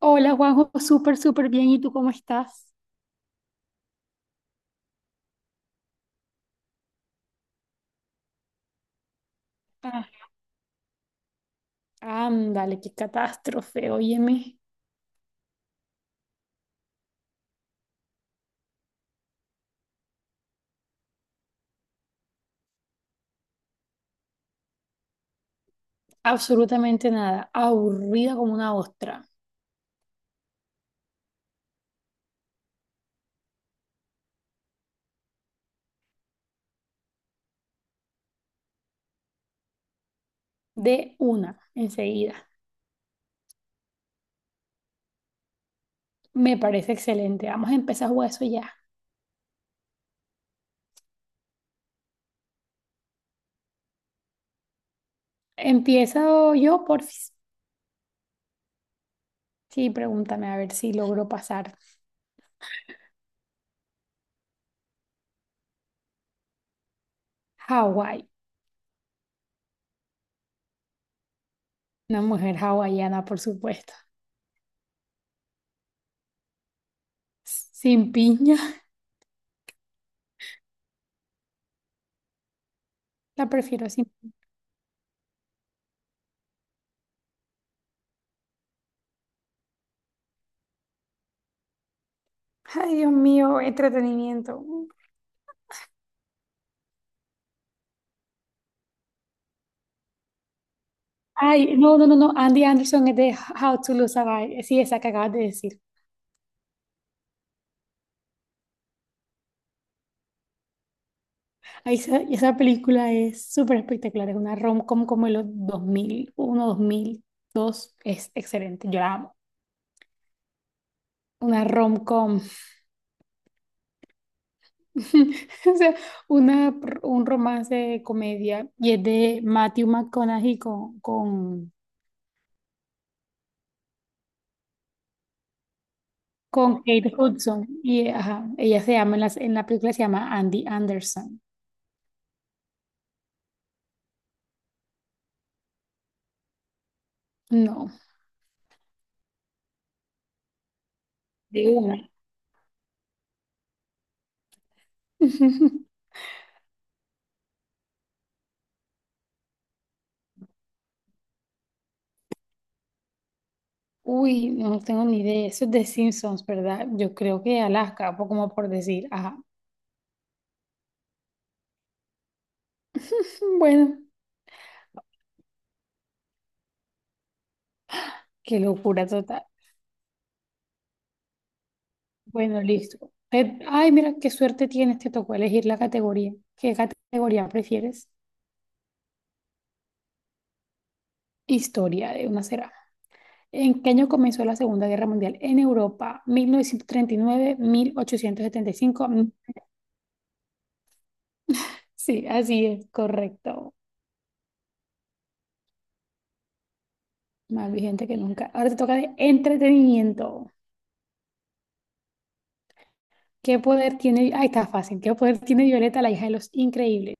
Hola Juanjo, súper, súper bien. ¿Y tú cómo estás? Ah, ándale, qué catástrofe. Óyeme, absolutamente nada. Aburrida como una ostra. De una, enseguida. Me parece excelente. Vamos a empezar a jugar eso ya. Empiezo yo, porfis. Sí, pregúntame a ver si logro pasar. Hawái. Una mujer hawaiana, por supuesto. Sin piña. La prefiero sin. Ay, Dios mío, entretenimiento. Ay, no, no, no, no. Andy Anderson es de How to Lose a Guy. Sí, esa que acabas de decir. Ahí esa, esa película es súper espectacular. Es una rom-com como de los dos dos mil uno, dos mil dos. Es excelente. Yo la amo. Una rom-com. O sea, una, un romance de comedia. Y es de Matthew McConaughey con Kate Hudson. Y ajá, ella se llama, en la película se llama Andy Anderson. No, de una. Uy, no tengo ni idea. Eso es de Simpsons, ¿verdad? Yo creo que Alaska, po- como por decir, ajá. Bueno, qué locura total. Bueno, listo. Ay, mira, qué suerte tienes, te tocó elegir la categoría. ¿Qué categoría prefieres? Historia de una será. ¿En qué año comenzó la Segunda Guerra Mundial en Europa? 1939, 1875. Sí, así es, correcto. Más vigente que nunca. Ahora te toca de entretenimiento. ¿Qué poder tiene? Ahí está fácil. ¿Qué poder tiene Violeta, la hija de los increíbles?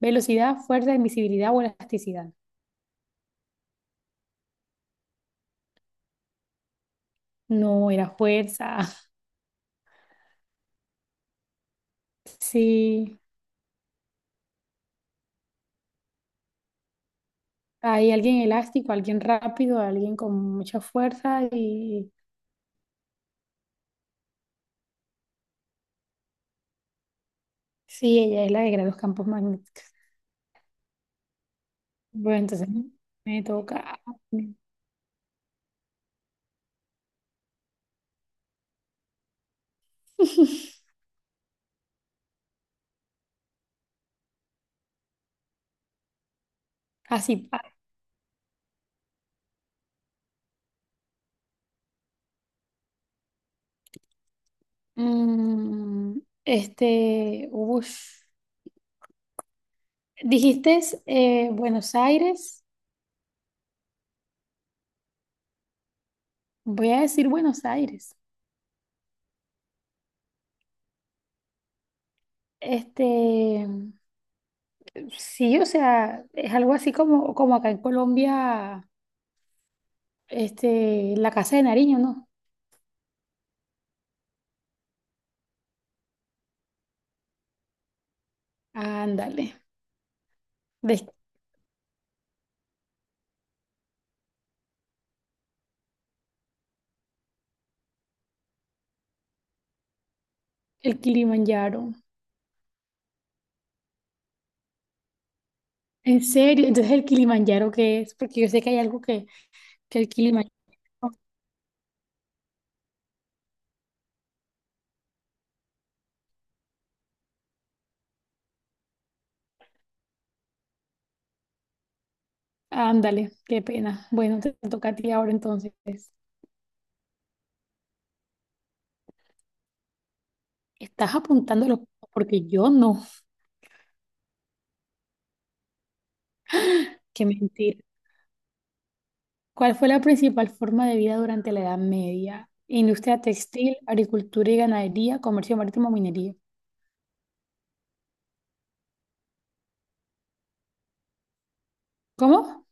Velocidad, fuerza, invisibilidad o elasticidad. No, era fuerza. Sí, hay alguien elástico, alguien rápido, alguien con mucha fuerza y sí, ella es la de los campos magnéticos. Bueno, entonces me toca. Así. Pa- Mm, este, ush. Dijiste Buenos Aires. Voy a decir Buenos Aires. Este, Sí, o sea, es algo así como, como acá en Colombia, la Casa de Nariño, ¿no? Ándale, de- el Kilimanjaro. En serio, entonces el Kilimanjaro, ¿qué es? Porque yo sé que hay algo que el Kilimanjaro. Ándale, qué pena. Bueno, te toca a ti ahora entonces. Estás apuntando los puntos porque yo no. Qué mentira. ¿Cuál fue la principal forma de vida durante la Edad Media? Industria textil, agricultura y ganadería, comercio marítimo, minería. ¿Cómo?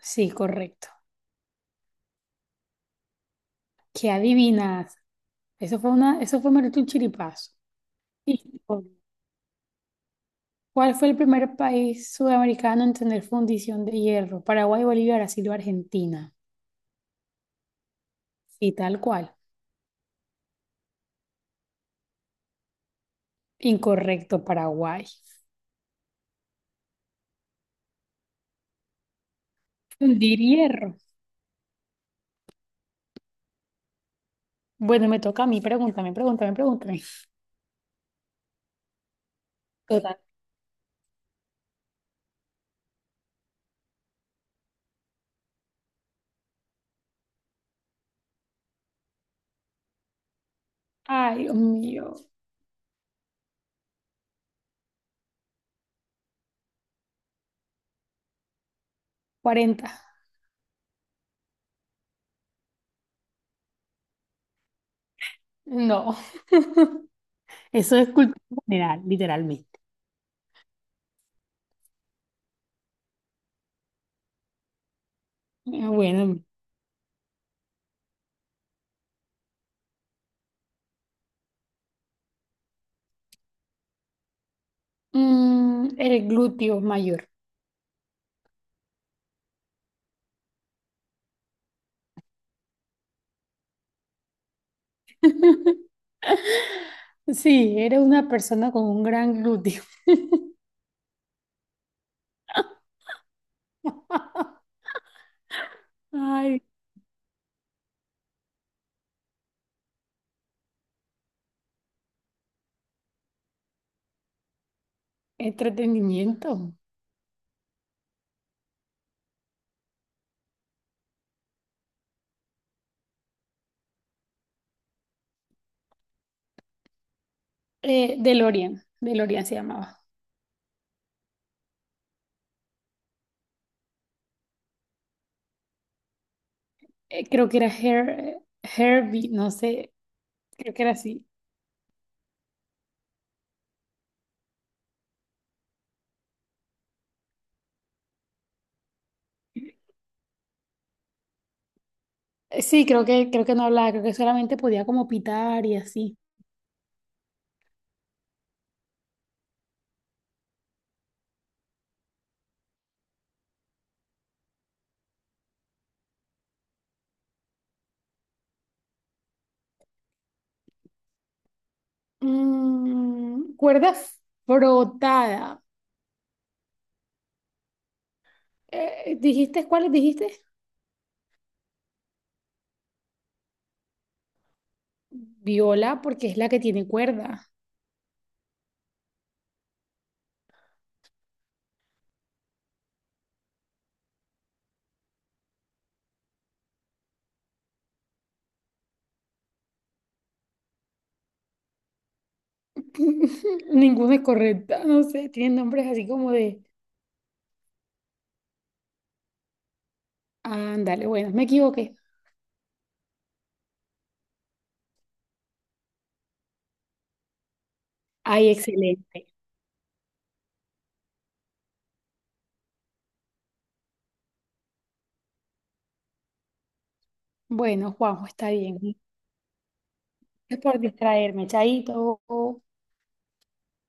Sí, correcto. ¿Qué adivinas? Eso fue una, eso fue meramente un chiripazo. Y, ¿cuál fue el primer país sudamericano en tener fundición de hierro? Paraguay, Bolivia, Brasil o Argentina. Y tal cual. Incorrecto, Paraguay. Fundir hierro. Bueno, me toca a mí. Pregúntame, pregúntame, pregúntame. Total. Ay, Dios mío. Cuarenta. No, eso es cultura general, literalmente. Ah, bueno, el glúteo mayor. Sí, eres una persona con un gran glúteo. Ay, entretenimiento. DeLorean, DeLorean se llamaba. Creo que era Her- Herbie, no sé, creo que era así. Sí, creo que no hablaba, creo que solamente podía como pitar y así. Mm, cuerda frotada. ¿Dijiste cuáles dijiste? Viola, porque es la que tiene cuerda. Ninguna es correcta, no sé, tienen nombres así como de... Ándale, bueno, me equivoqué. Ay, excelente. Bueno, Juanjo, está bien. Es por distraerme, chaito.